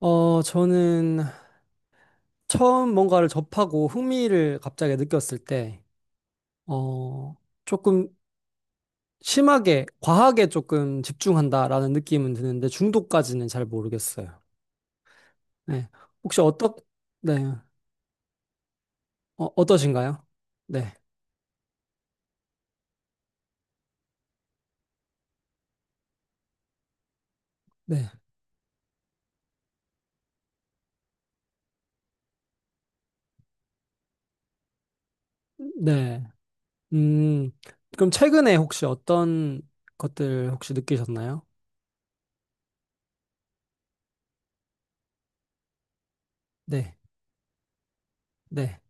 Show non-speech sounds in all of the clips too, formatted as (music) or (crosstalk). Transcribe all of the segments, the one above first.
저는 처음 뭔가를 접하고 흥미를 갑자기 느꼈을 때, 어, 조금 심하게, 과하게 조금 집중한다라는 느낌은 드는데 중독까지는 잘 모르겠어요. 네. 혹시 어떠, 네. 어떠신가요? 네. 네. 네. 음, 그럼 최근에 혹시 어떤 것들 혹시 느끼셨나요? 네. 네.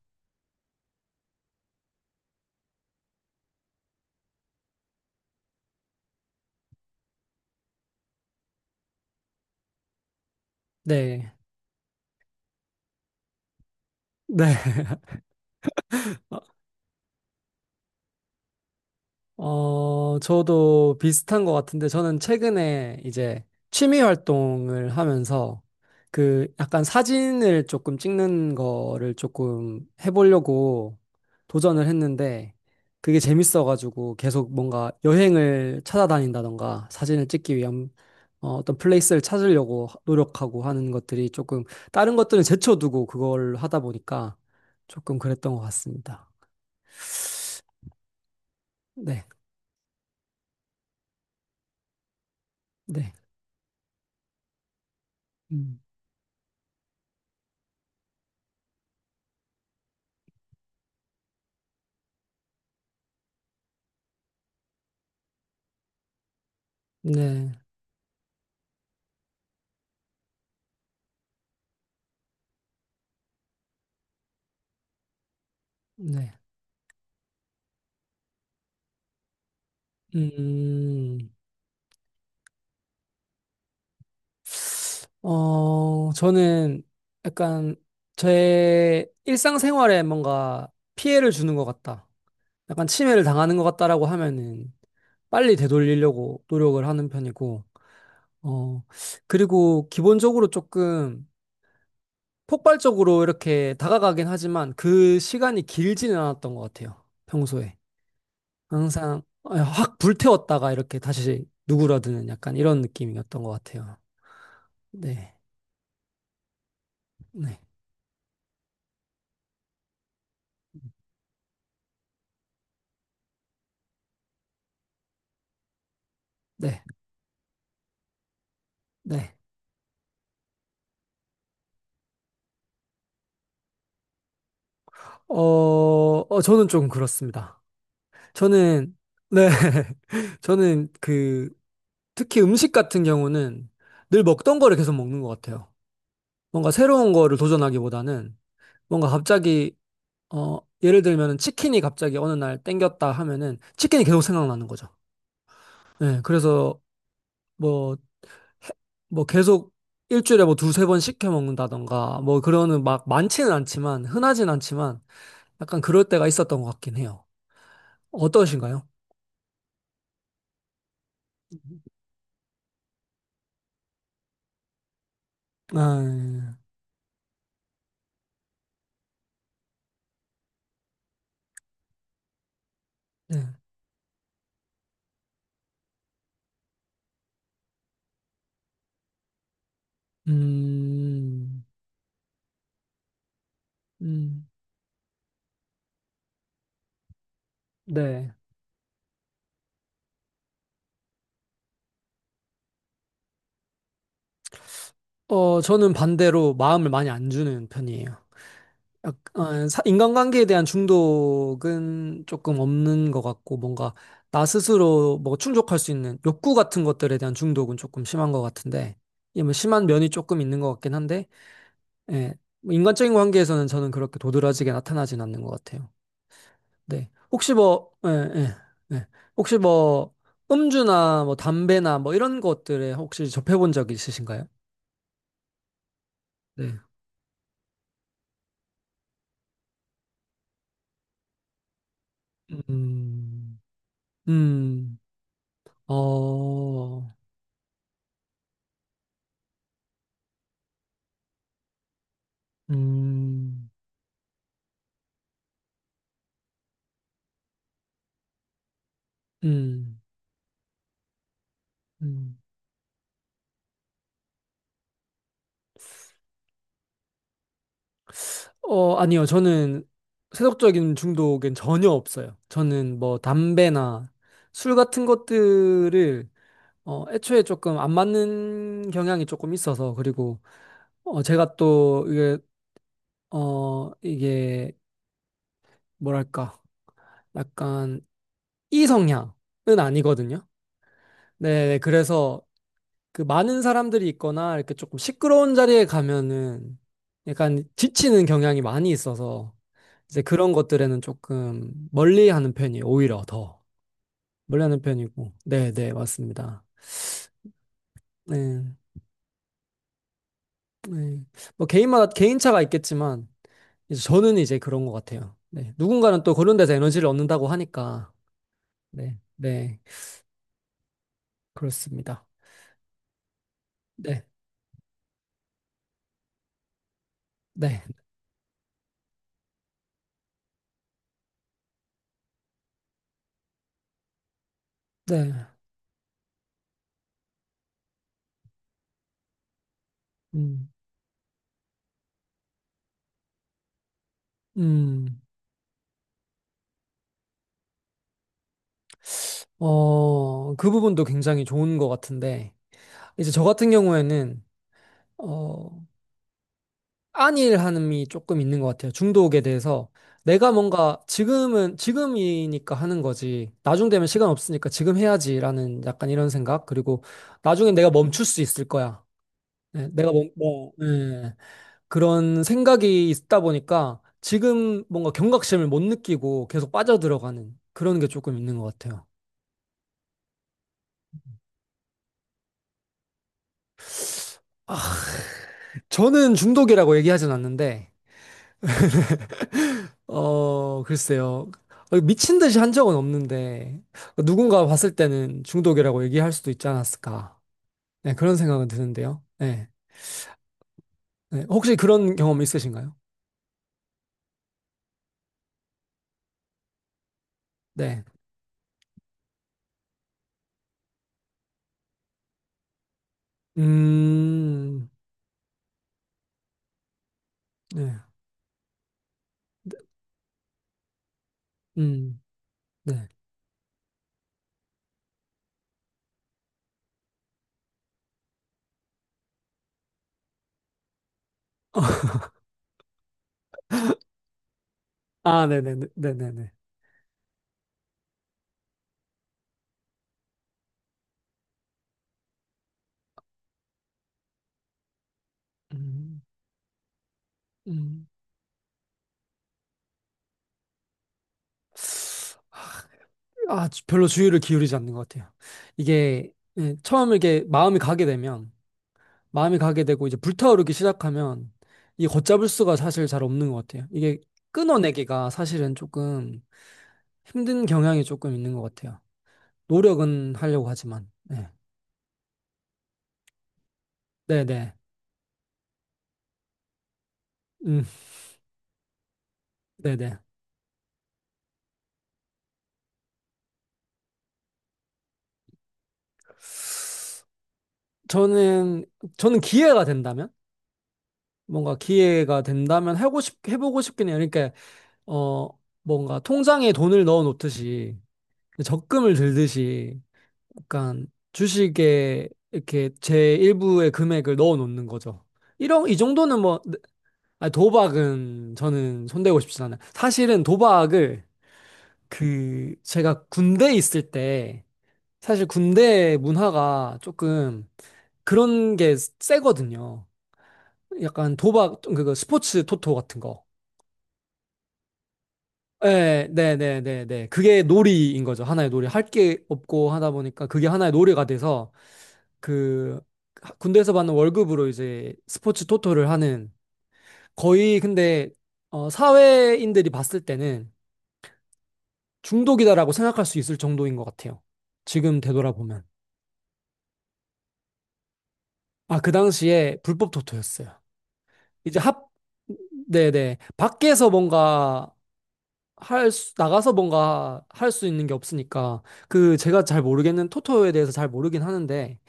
네. 네. (laughs) 저도 비슷한 것 같은데, 저는 최근에 이제 취미 활동을 하면서 그 약간 사진을 조금 찍는 거를 조금 해보려고 도전을 했는데, 그게 재밌어가지고 계속 뭔가 여행을 찾아다닌다던가 사진을 찍기 위한 어떤 플레이스를 찾으려고 노력하고 하는 것들이 조금 다른 것들은 제쳐두고 그걸 하다 보니까 조금 그랬던 것 같습니다. 네, 네. 음. 네. 네. 음, 저는 약간 제 일상생활에 뭔가 피해를 주는 것 같다. 약간 침해를 당하는 것 같다라고 하면은 빨리 되돌리려고 노력을 하는 편이고, 어, 그리고 기본적으로 조금 폭발적으로 이렇게 다가가긴 하지만 그 시간이 길지는 않았던 것 같아요. 평소에. 항상 확 불태웠다가 이렇게 다시 누그러드는 약간 이런 느낌이었던 것 같아요. 네. 네. 네, 네. 어, 저는 좀 그렇습니다. 저는, 네. (laughs) 저는 특히 음식 같은 경우는 늘 먹던 거를 계속 먹는 것 같아요. 뭔가 새로운 거를 도전하기보다는 뭔가 갑자기, 어, 예를 들면 치킨이 갑자기 어느 날 땡겼다 하면은 치킨이 계속 생각나는 거죠. 네, 그래서 뭐, 해- 뭐 계속 일주일에 뭐 2, 3번 시켜 먹는다던가 뭐 그러는 막 많지는 않지만 흔하진 않지만 약간 그럴 때가 있었던 것 같긴 해요. 어떠신가요? 아, 네. 음, 음, 네. 저는 반대로 마음을 많이 안 주는 편이에요. 인간관계에 대한 중독은 조금 없는 것 같고, 뭔가 나 스스로 뭐 충족할 수 있는 욕구 같은 것들에 대한 중독은 조금 심한 것 같은데, 이게 뭐 심한 면이 조금 있는 것 같긴 한데, 예. 뭐 인간적인 관계에서는 저는 그렇게 도드라지게 나타나진 않는 것 같아요. 네. 혹시 뭐, 예, 예, 예. 혹시 뭐, 음주나 뭐, 담배나 뭐, 이런 것들에 혹시 접해본 적 있으신가요? 네. 음, 음, 어, 음, 음, 음. 아니요. 저는 세속적인 중독엔 전혀 없어요. 저는 뭐, 담배나 술 같은 것들을 애초에 조금 안 맞는 경향이 조금 있어서, 그리고, 제가 또, 이게 뭐랄까, 약간 이성향은 아니거든요. 네, 네, 그래서 그 많은 사람들이 있거나 이렇게 조금 시끄러운 자리에 가면은 약간 지치는 경향이 많이 있어서 이제 그런 것들에는 조금 멀리하는 편이에요. 오히려 더 멀리하는 편이고, 네, 네, 맞습니다. 네, 네, 뭐 개인마다 개인차가 있겠지만 이제 저는 이제 그런 것 같아요. 네, 누군가는 또 그런 데서 에너지를 얻는다고 하니까, 네, 네, 그렇습니다. 네, 네, 네. 음, 음, 그 부분도 굉장히 좋은 것 같은데, 이제 저 같은 경우에는, 어, 안일함이 조금 있는 것 같아요. 중독에 대해서. 내가 뭔가 지금은, 지금이니까 하는 거지. 나중 되면 시간 없으니까 지금 해야지라는 약간 이런 생각. 그리고 나중에 내가 멈출 수 있을 거야. 네, 내가 멈, 뭐, 네, 그런 생각이 있다 보니까 지금 뭔가 경각심을 못 느끼고 계속 빠져들어가는 그런 게 조금 있는 것 같아요. 아, 저는 중독이라고 얘기하진 않는데, 어, 글쎄요. 미친 듯이 한 적은 없는데, 누군가 봤을 때는 중독이라고 얘기할 수도 있지 않았을까. 네, 그런 생각은 드는데요. 네. 네, 혹시 그런 경험 있으신가요? 네. 음, 네. 음, 네. (laughs) 아, 네네네. 네네네. 음, 음. 별로 주의를 기울이지 않는 것 같아요. 이게, 예, 처음 이렇게 마음이 가게 되면, 마음이 가게 되고 이제 불타오르기 시작하면 이 걷잡을 수가 사실 잘 없는 것 같아요. 이게 끊어내기가 사실은 조금 힘든 경향이 조금 있는 것 같아요. 노력은 하려고 하지만. 네. 네네. 음, 네네. 저는, 저는 기회가 된다면? 뭔가 기회가 된다면 해보고 싶긴 해요. 그러니까, 어, 뭔가 통장에 돈을 넣어 놓듯이 적금을 들듯이 약간 주식에 이렇게 제 일부의 금액을 넣어 놓는 거죠. 이런 이 정도는 뭐 아니, 도박은 저는 손대고 싶지 않아요. 사실은 도박을 그 제가 군대에 있을 때 사실 군대 문화가 조금 그런 게 세거든요. 약간 도박 그거 스포츠 토토 같은 거. 네, 네, 네, 네, 네. 그게 놀이인 거죠. 하나의 놀이. 할 게 없고 하다 보니까 그게 하나의 놀이가 돼서 그 군대에서 받는 월급으로 이제 스포츠 토토를 하는 거의 근데 사회인들이 봤을 때는 중독이다라고 생각할 수 있을 정도인 것 같아요. 지금 되돌아보면. 아, 그 당시에 불법 토토였어요. 이제 네네. 밖에서 뭔가 나가서 뭔가 할 수 있는 게 없으니까 그 제가 잘 모르겠는 토토에 대해서 잘 모르긴 하는데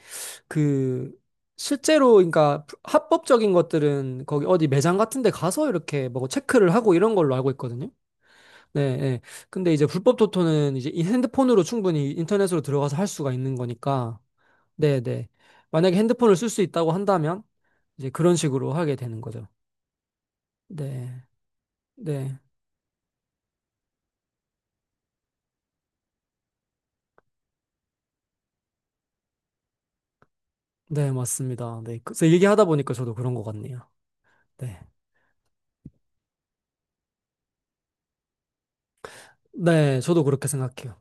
그 실제로 그러니까 합법적인 것들은 거기 어디 매장 같은 데 가서 이렇게 뭐 체크를 하고 이런 걸로 알고 있거든요. 네, 네. 근데 이제 불법 토토는 이제 이 핸드폰으로 충분히 인터넷으로 들어가서 할 수가 있는 거니까 네, 네. 만약에 핸드폰을 쓸 수 있다고 한다면 이제 그런 식으로 하게 되는 거죠. 네. 네. 네, 맞습니다. 네. 그래서 얘기하다 보니까 저도 그런 것 같네요. 네. 네, 저도 그렇게 생각해요.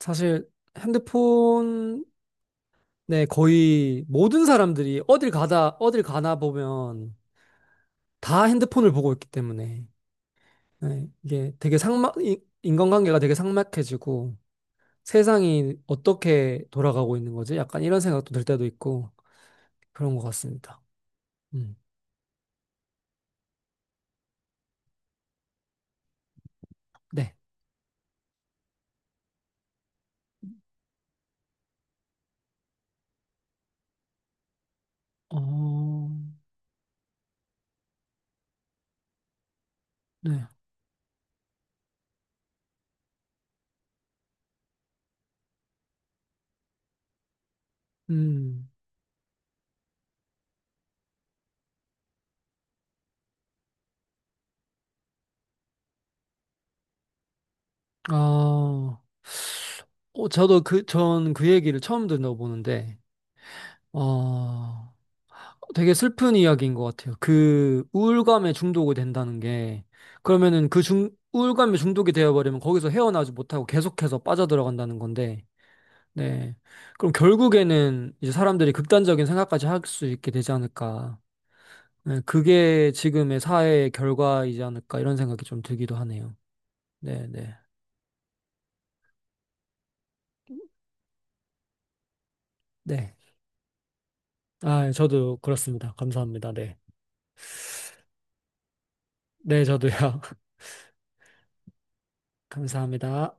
사실 핸드폰에 거의 모든 사람들이 어딜 가다, 어딜 가나 보면 다 핸드폰을 보고 있기 때문에 네, 이게 되게 인간관계가 되게 삭막해지고 세상이 어떻게 돌아가고 있는 거지? 약간 이런 생각도 들 때도 있고 그런 것 같습니다. 음, 네. 어, 네. 음, 아, 저도 전 그 얘기를 처음 들어보는데, 어, 되게 슬픈 이야기인 것 같아요. 그 우울감에 중독이 된다는 게 그러면은 우울감에 중독이 되어버리면 거기서 헤어나지 못하고 계속해서 빠져들어간다는 건데, 네. 그럼 결국에는 이제 사람들이 극단적인 생각까지 할 수 있게 되지 않을까. 네, 그게 지금의 사회의 결과이지 않을까 이런 생각이 좀 들기도 하네요. 네, 네, 네. 아, 저도 그렇습니다. 감사합니다. 네. 네, 저도요. (laughs) 감사합니다.